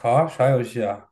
好啊，啥游戏啊？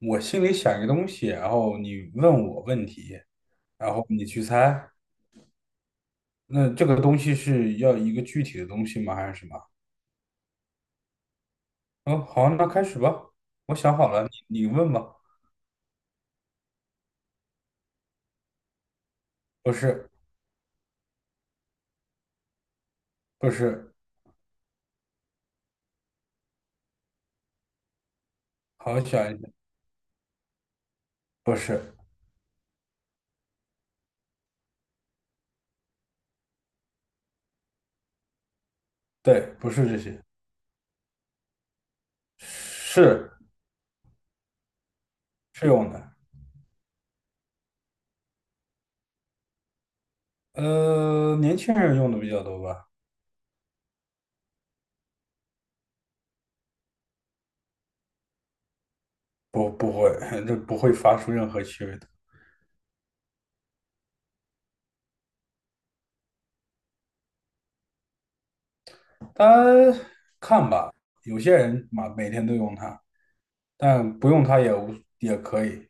我心里想一个东西，然后你问我问题，然后你去猜。那这个东西是要一个具体的东西吗？还是什么？嗯，好啊，那开始吧。我想好了，你问吧。不是。不是。好，想一想。不是。对，不是这些。是是用的。年轻人用的比较多吧？不，不会，这不会发出任何气味的。它看吧，有些人嘛，每天都用它。但不用它也无也可以。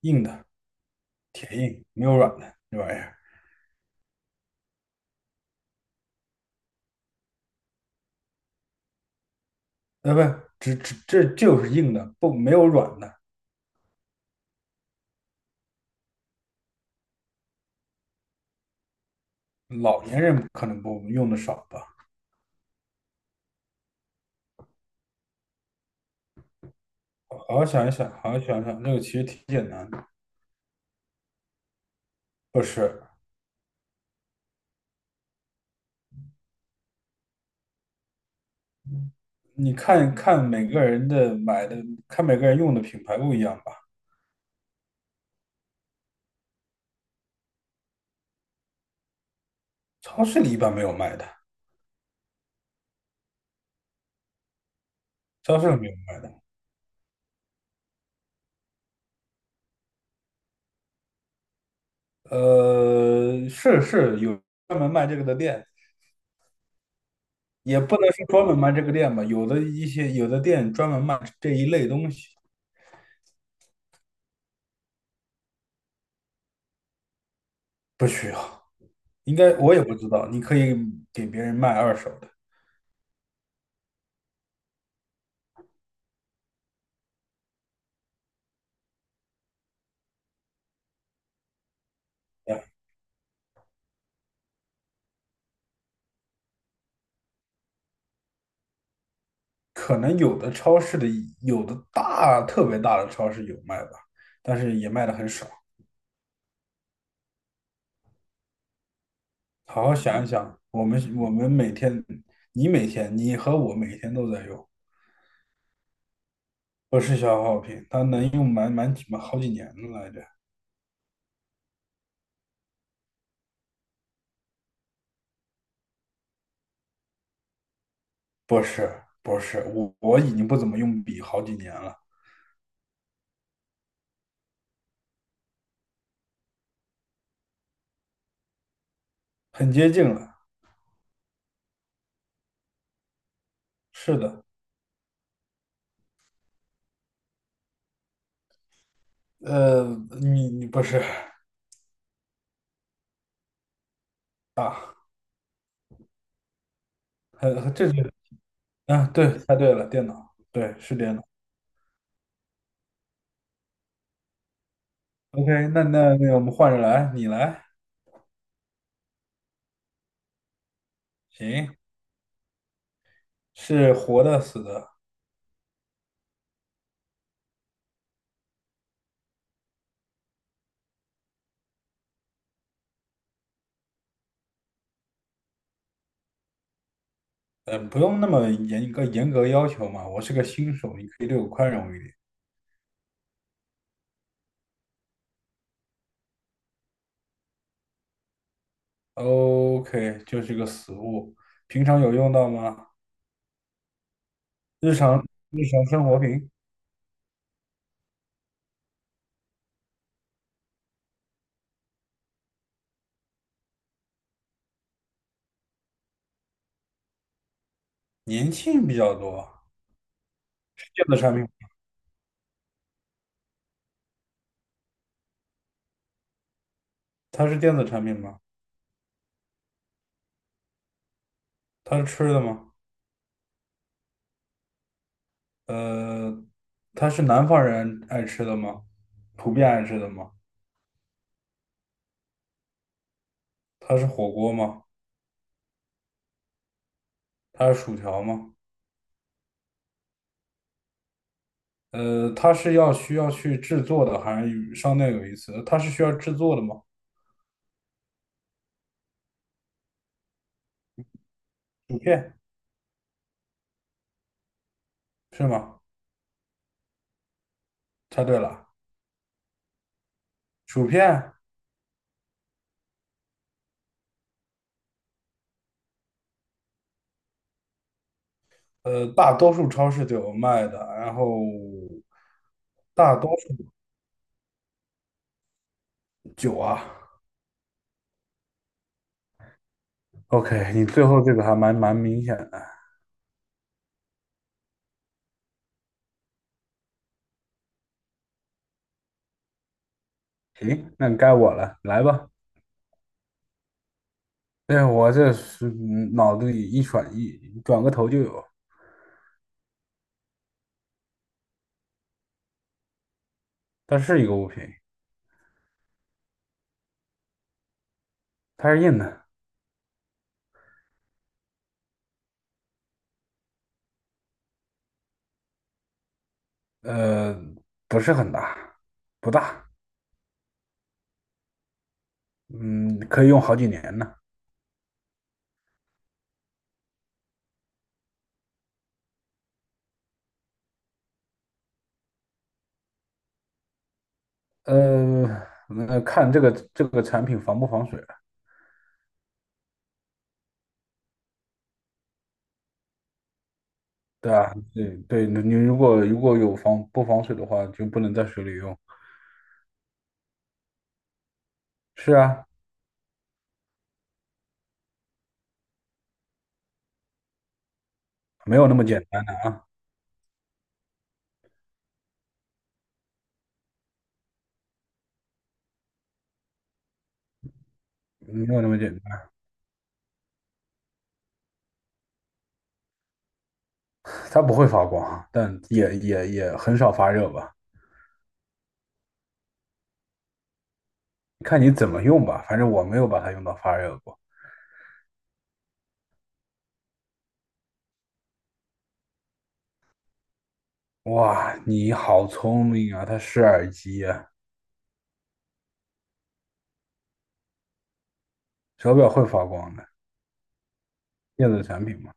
硬的。铁硬，没有软的这玩意儿。不，只这就是硬的，不没有软的。老年人可能不用的少吧。好好想一想，好好想一想，这个其实挺简单的。不是？你看看每个人的买的，看每个人用的品牌不一样吧。超市里一般没有卖的。超市里没有卖的。是有专门卖这个的店。也不能说专门卖这个店吧，有的一些有的店专门卖这一类东西。不需要，应该我也不知道，你可以给别人卖二手的。对。可能有的超市的有的大特别大的超市有卖吧，但是也卖的很少。好好想一想，我们每天，你每天你和我每天都在用。不是消耗品，它能用满满几满好几年了来着。不是不是，我已经不怎么用笔好几年了。很接近了。是的。呃，你不是啊？呃，这是啊，对，猜对了，电脑，对，是电脑。OK，那我们换着来，你来。行，是活的死的？不用那么严格要求嘛，我是个新手，你可以对我宽容一点。OK，就是个死物。平常有用到吗？日常日常生活品？年轻人比较多，电子产品。它是电子产品吗？它是吃的吗？呃，它是南方人爱吃的吗？普遍爱吃的吗？它是火锅吗？它是薯条吗？它是要需要去制作的，还是与商店有一次？它是需要制作的吗？薯片是吗？猜对了，薯片。大多数超市都有卖的，然后大多数酒啊。OK，你最后这个还蛮明显的。行，那该我了，来吧。但是我这是嗯脑子里一转个头就有。它是一个物品。它是硬的。呃，不是很大，不大。嗯，可以用好几年呢。呃，那看这个产品防不防水了。对吧？对对，你你如果有防不防水的话，就不能在水里用。是啊。没有那么简单的啊。没有那么简单。它不会发光啊，但也很少发热吧。看你怎么用吧，反正我没有把它用到发热过。哇，你好聪明啊！它是耳机呀、手表会发光的电子产品嘛？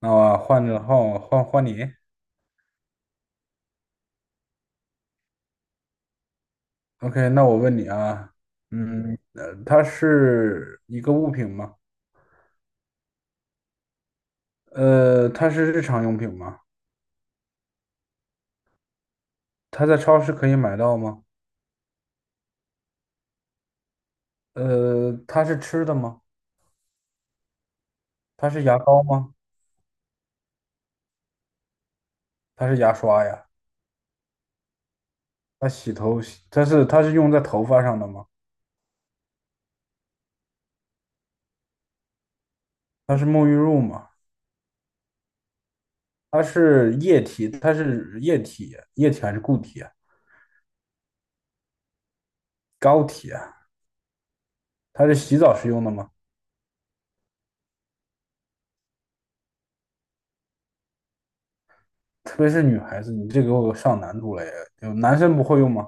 那我换个号，换换你。OK，那我问你啊。嗯。它是一个物品吗？它是日常用品吗？它在超市可以买到吗？它是吃的吗？它是牙膏吗？它是牙刷呀？它洗头洗，它是用在头发上的吗？它是沐浴露吗？它是液体，它是液体，液体还是固体啊？膏体啊？它是洗澡时用的吗？特别是女孩子，你这给我上难度了呀！就男生不会用吗？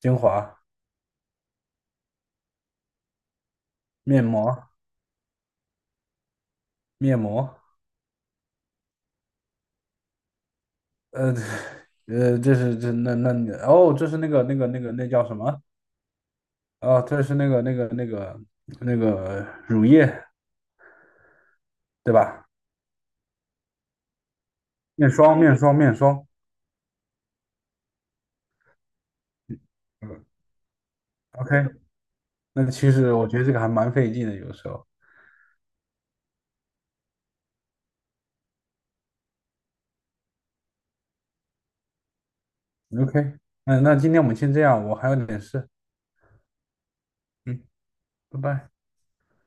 精华、面膜、面膜。呃，这是这那那你哦，这是那个那个那叫什么？哦，这是那个乳液，对吧？面霜、面霜、面霜。嗯，OK，那其实我觉得这个还蛮费劲的，有时候。OK，那今天我们先这样，我还有点事。嗯，拜拜。